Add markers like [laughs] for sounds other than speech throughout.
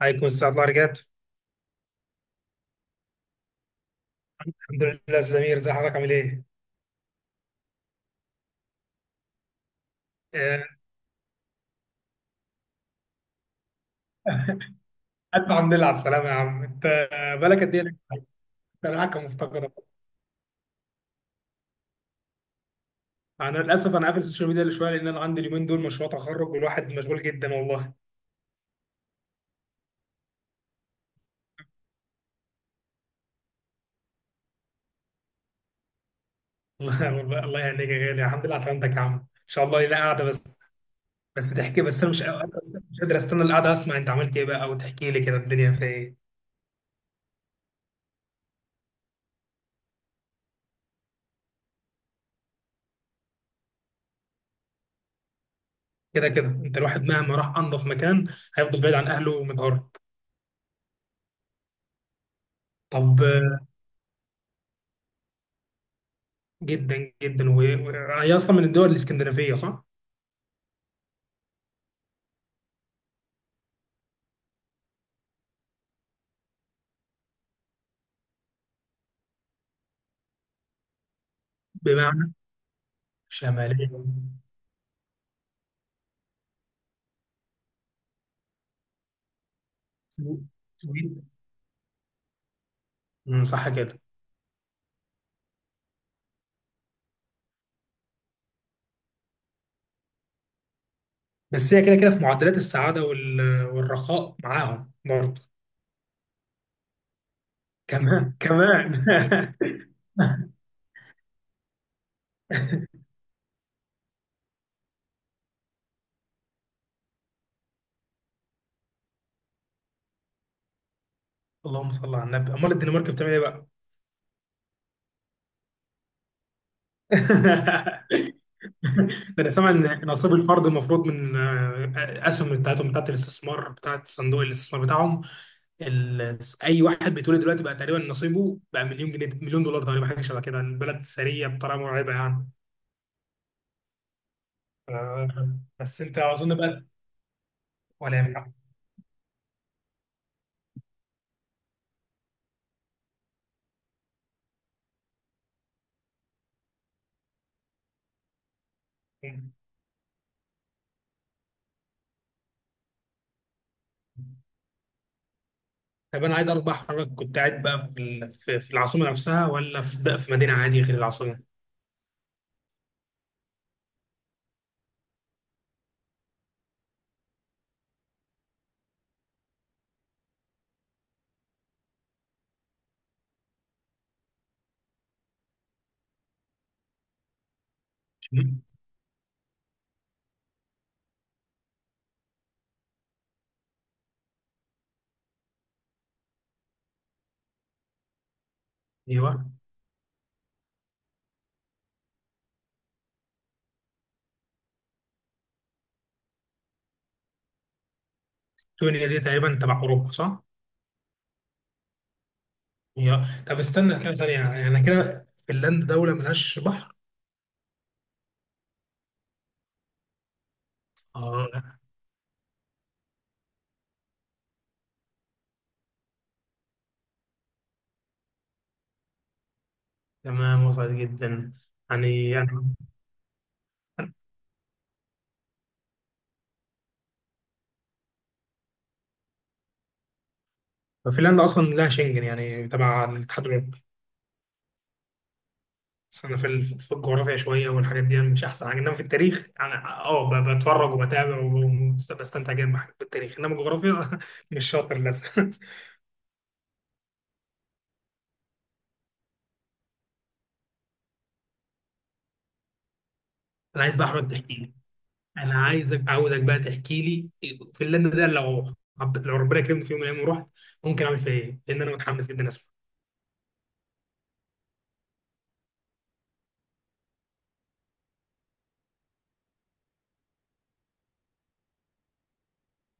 عليكم الساعة الله رجعت. الحمد لله الزمير زي حضرتك عامل ايه؟ [laughs] آه، ألف الحمد لله على السلامة يا عم أنت بالك قد إيه لك؟ أنا معاك مفتقدة. أنا للأسف قافل السوشيال ميديا شوية لأن أنا عندي اليومين دول مشروع تخرج والواحد مشغول جدا والله. [laughs] الله والله الله يهنيك يا غالي، الحمد لله على سلامتك يا عم، إن شاء الله لنا قاعدة. بس تحكي، بس أنا مش قادر أستنى القعدة أسمع أنت عملت إيه بقى وتحكي لي كده الدنيا فيها إيه. كده كده أنت الواحد مهما راح أنظف مكان هيفضل بعيد عن أهله ومتغرب. طب جدا جدا وهي اصلا من الدول الاسكندنافيه صح؟ بمعنى شماليه. سو- سويد. صح كده. بس هي كده كده في معدلات السعاده والرخاء معاهم برضه. كمان كمان. [laughs] اللهم صل على النبي، امال الدنمارك بتعمل ايه بقى؟ [laughs] ده انا سامع ان نصيب الفرد المفروض من اسهم بتاعتهم بتاعت الاستثمار بتاعت صندوق الاستثمار بتاعهم. اي واحد بيتولد دلوقتي بقى تقريبا نصيبه بقى مليون جنيه، مليون دولار تقريبا، حاجه شبه كده. البلد ثريه بطريقه مرعبه يعني. بس انت اظن بقى. ولا ينفع. طب انا عايز اعرف بقى حضرتك كنت قاعد بقى في العاصمه نفسها ولا في بقى في مدينه عادي غير العاصمه. ايوه. استونيا دي تقريبا تبع اوروبا صح؟ هي طب استنى كده ثانيه، يعني انا كده فنلندا دوله ملهاش بحر. اه تمام، وصلت جدا. يعني يعني فنلندا اصلا لها شنجن يعني تبع الاتحاد الاوروبي. بس انا في الجغرافيا شويه والحاجات دي أنا مش احسن حاجه، انما في التاريخ انا اه بتفرج وبتابع وبستمتع جدا بالتاريخ، انما الجغرافيا [laughs] مش شاطر للاسف. [laughs] انا عايز بقى احمد تحكي لي، انا عاوزك بقى تحكي لي فنلندا ده، لو لو ربنا كرمني في يوم من الايام ورحت ممكن اعمل فيها ايه، لان انا متحمس جدا اسمع.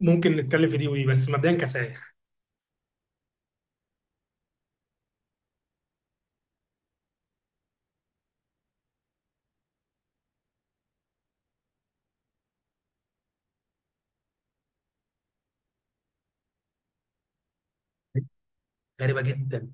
ممكن نتكلم في دي ودي، بس مبدئيا كسائح. غريبه جدا.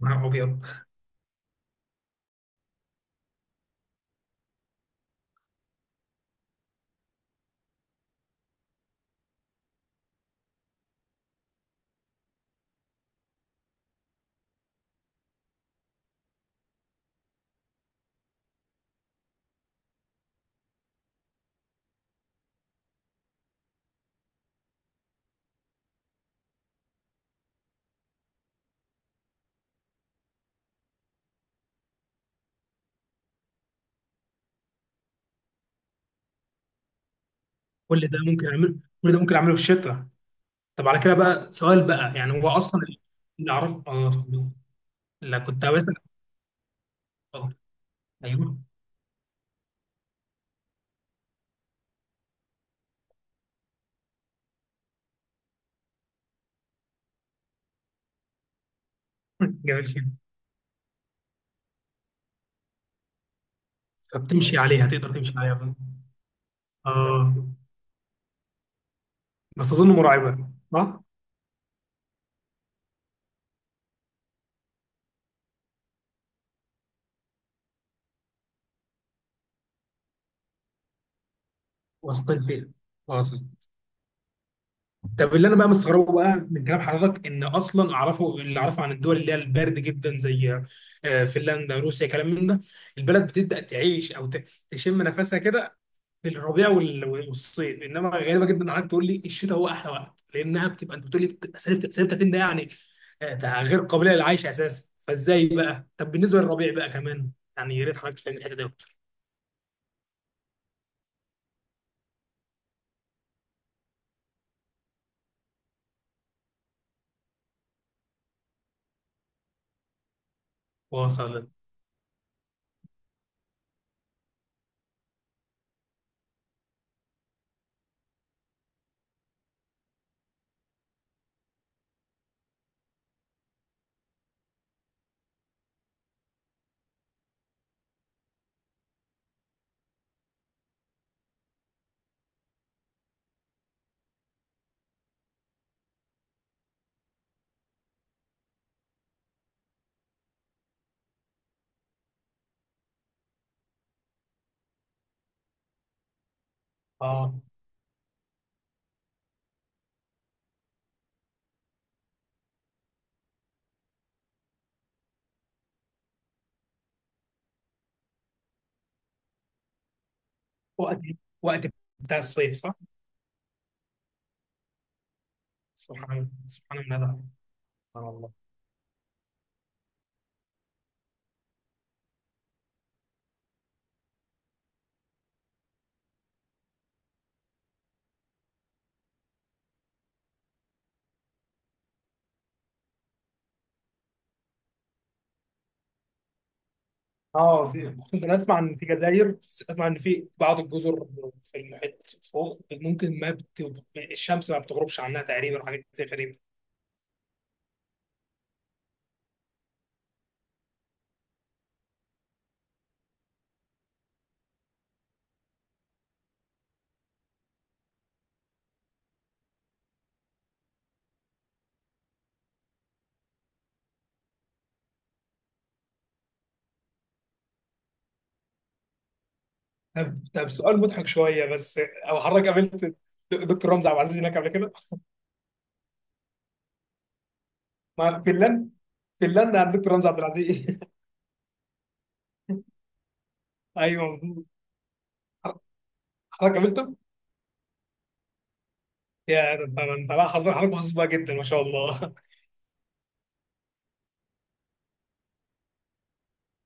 مع ابيض. كل ده ممكن اعمله، كل ده ممكن اعمله في الشتاء. طب على كده بقى سؤال بقى، يعني هو اصلا اللي اعرفه. اه اتفضل. لا كنت عاوز. اتفضل. ايوه. [laughs] جميل جدا. فبتمشي عليها، تقدر تمشي عليها بقى. اه بس اظن مرعبه صح؟ وسطين فيها. واصل. طب اللي انا بقى مستغربه بقى من كلام حضرتك ان اصلا اعرفه، اللي اعرفه عن الدول اللي هي البارد جدا زي فنلندا روسيا كلام من ده، البلد بتبدا تعيش تشم نفسها كده في الربيع والصيف، انما غريبه جدا انك تقول لي الشتاء هو احلى وقت، لانها بتبقى، انت بتقول لي بتبقى سالب 30 ده يعني، ده غير قابله للعيش اساسا، فازاي بقى؟ طب بالنسبه للربيع بقى كمان، يعني يا ريت حضرتك تفهم الحته دي أكتر. واصل. اه وقت وقت بتاع الصيف صح؟ سبحان الله، سبحان الله ده. سبحان الله. اه في، خصوصا انا اسمع ان في جزائر، اسمع ان في بعض الجزر في المحيط فوق ممكن ما بت... الشمس ما بتغربش عنها تقريبا، وحاجات كتير غريبه. طب سؤال مضحك شويه بس، او حضرتك قابلت دكتور رمزي عبد العزيز هناك قبل كده؟ ما في فنلندا، فنلندا عند دكتور رمزي عبد العزيز. [laughs] ايوه مظبوط. حضرتك قابلته؟ يا ده انت، لا حضرتك محظوظ بقى جدا ما شاء الله.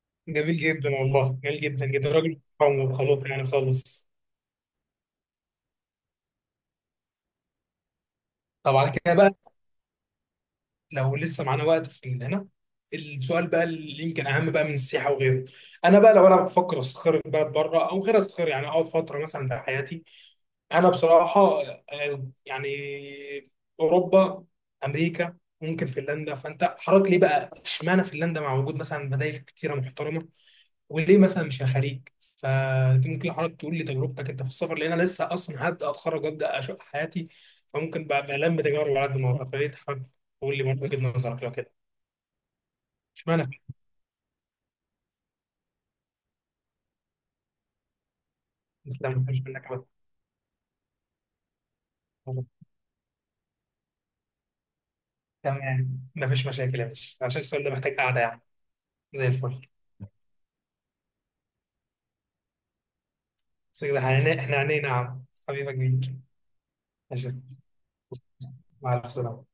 [laughs] جميل جدا والله، جميل جدا جدا، راجل محترم وخلوق يعني خالص. طب على كده بقى، لو لسه معانا وقت هنا، السؤال بقى اللي يمكن اهم بقى من السياحه وغيره، انا بقى لو انا بفكر استقر في بلد بره او غير استقر، يعني اقعد فتره مثلا في حياتي. انا بصراحه يعني اوروبا، امريكا، ممكن فنلندا، فانت حضرتك ليه بقى اشمعنى فنلندا مع وجود مثلا بدائل كتيره محترمه، وليه مثلا مش الخليج. فدي ممكن حضرتك تقول لي تجربتك انت في السفر، لان انا لسه اصلا هبدا اتخرج وابدا اشق حياتي، فممكن بقى الم تجارب على قد ما اقدر. فليه حضرتك تقول لي برضه وجهه نظرك لو كده؟ اشمعنى فنلندا ما فيش منك أبدا. تمام مفيش مشاكل يا باشا، عشان السؤال ده محتاج قعده يعني. زي الفل. بس كده احنا إحنا عينينا يا عم، حبيبك كبير. ماشي، مع السلامة.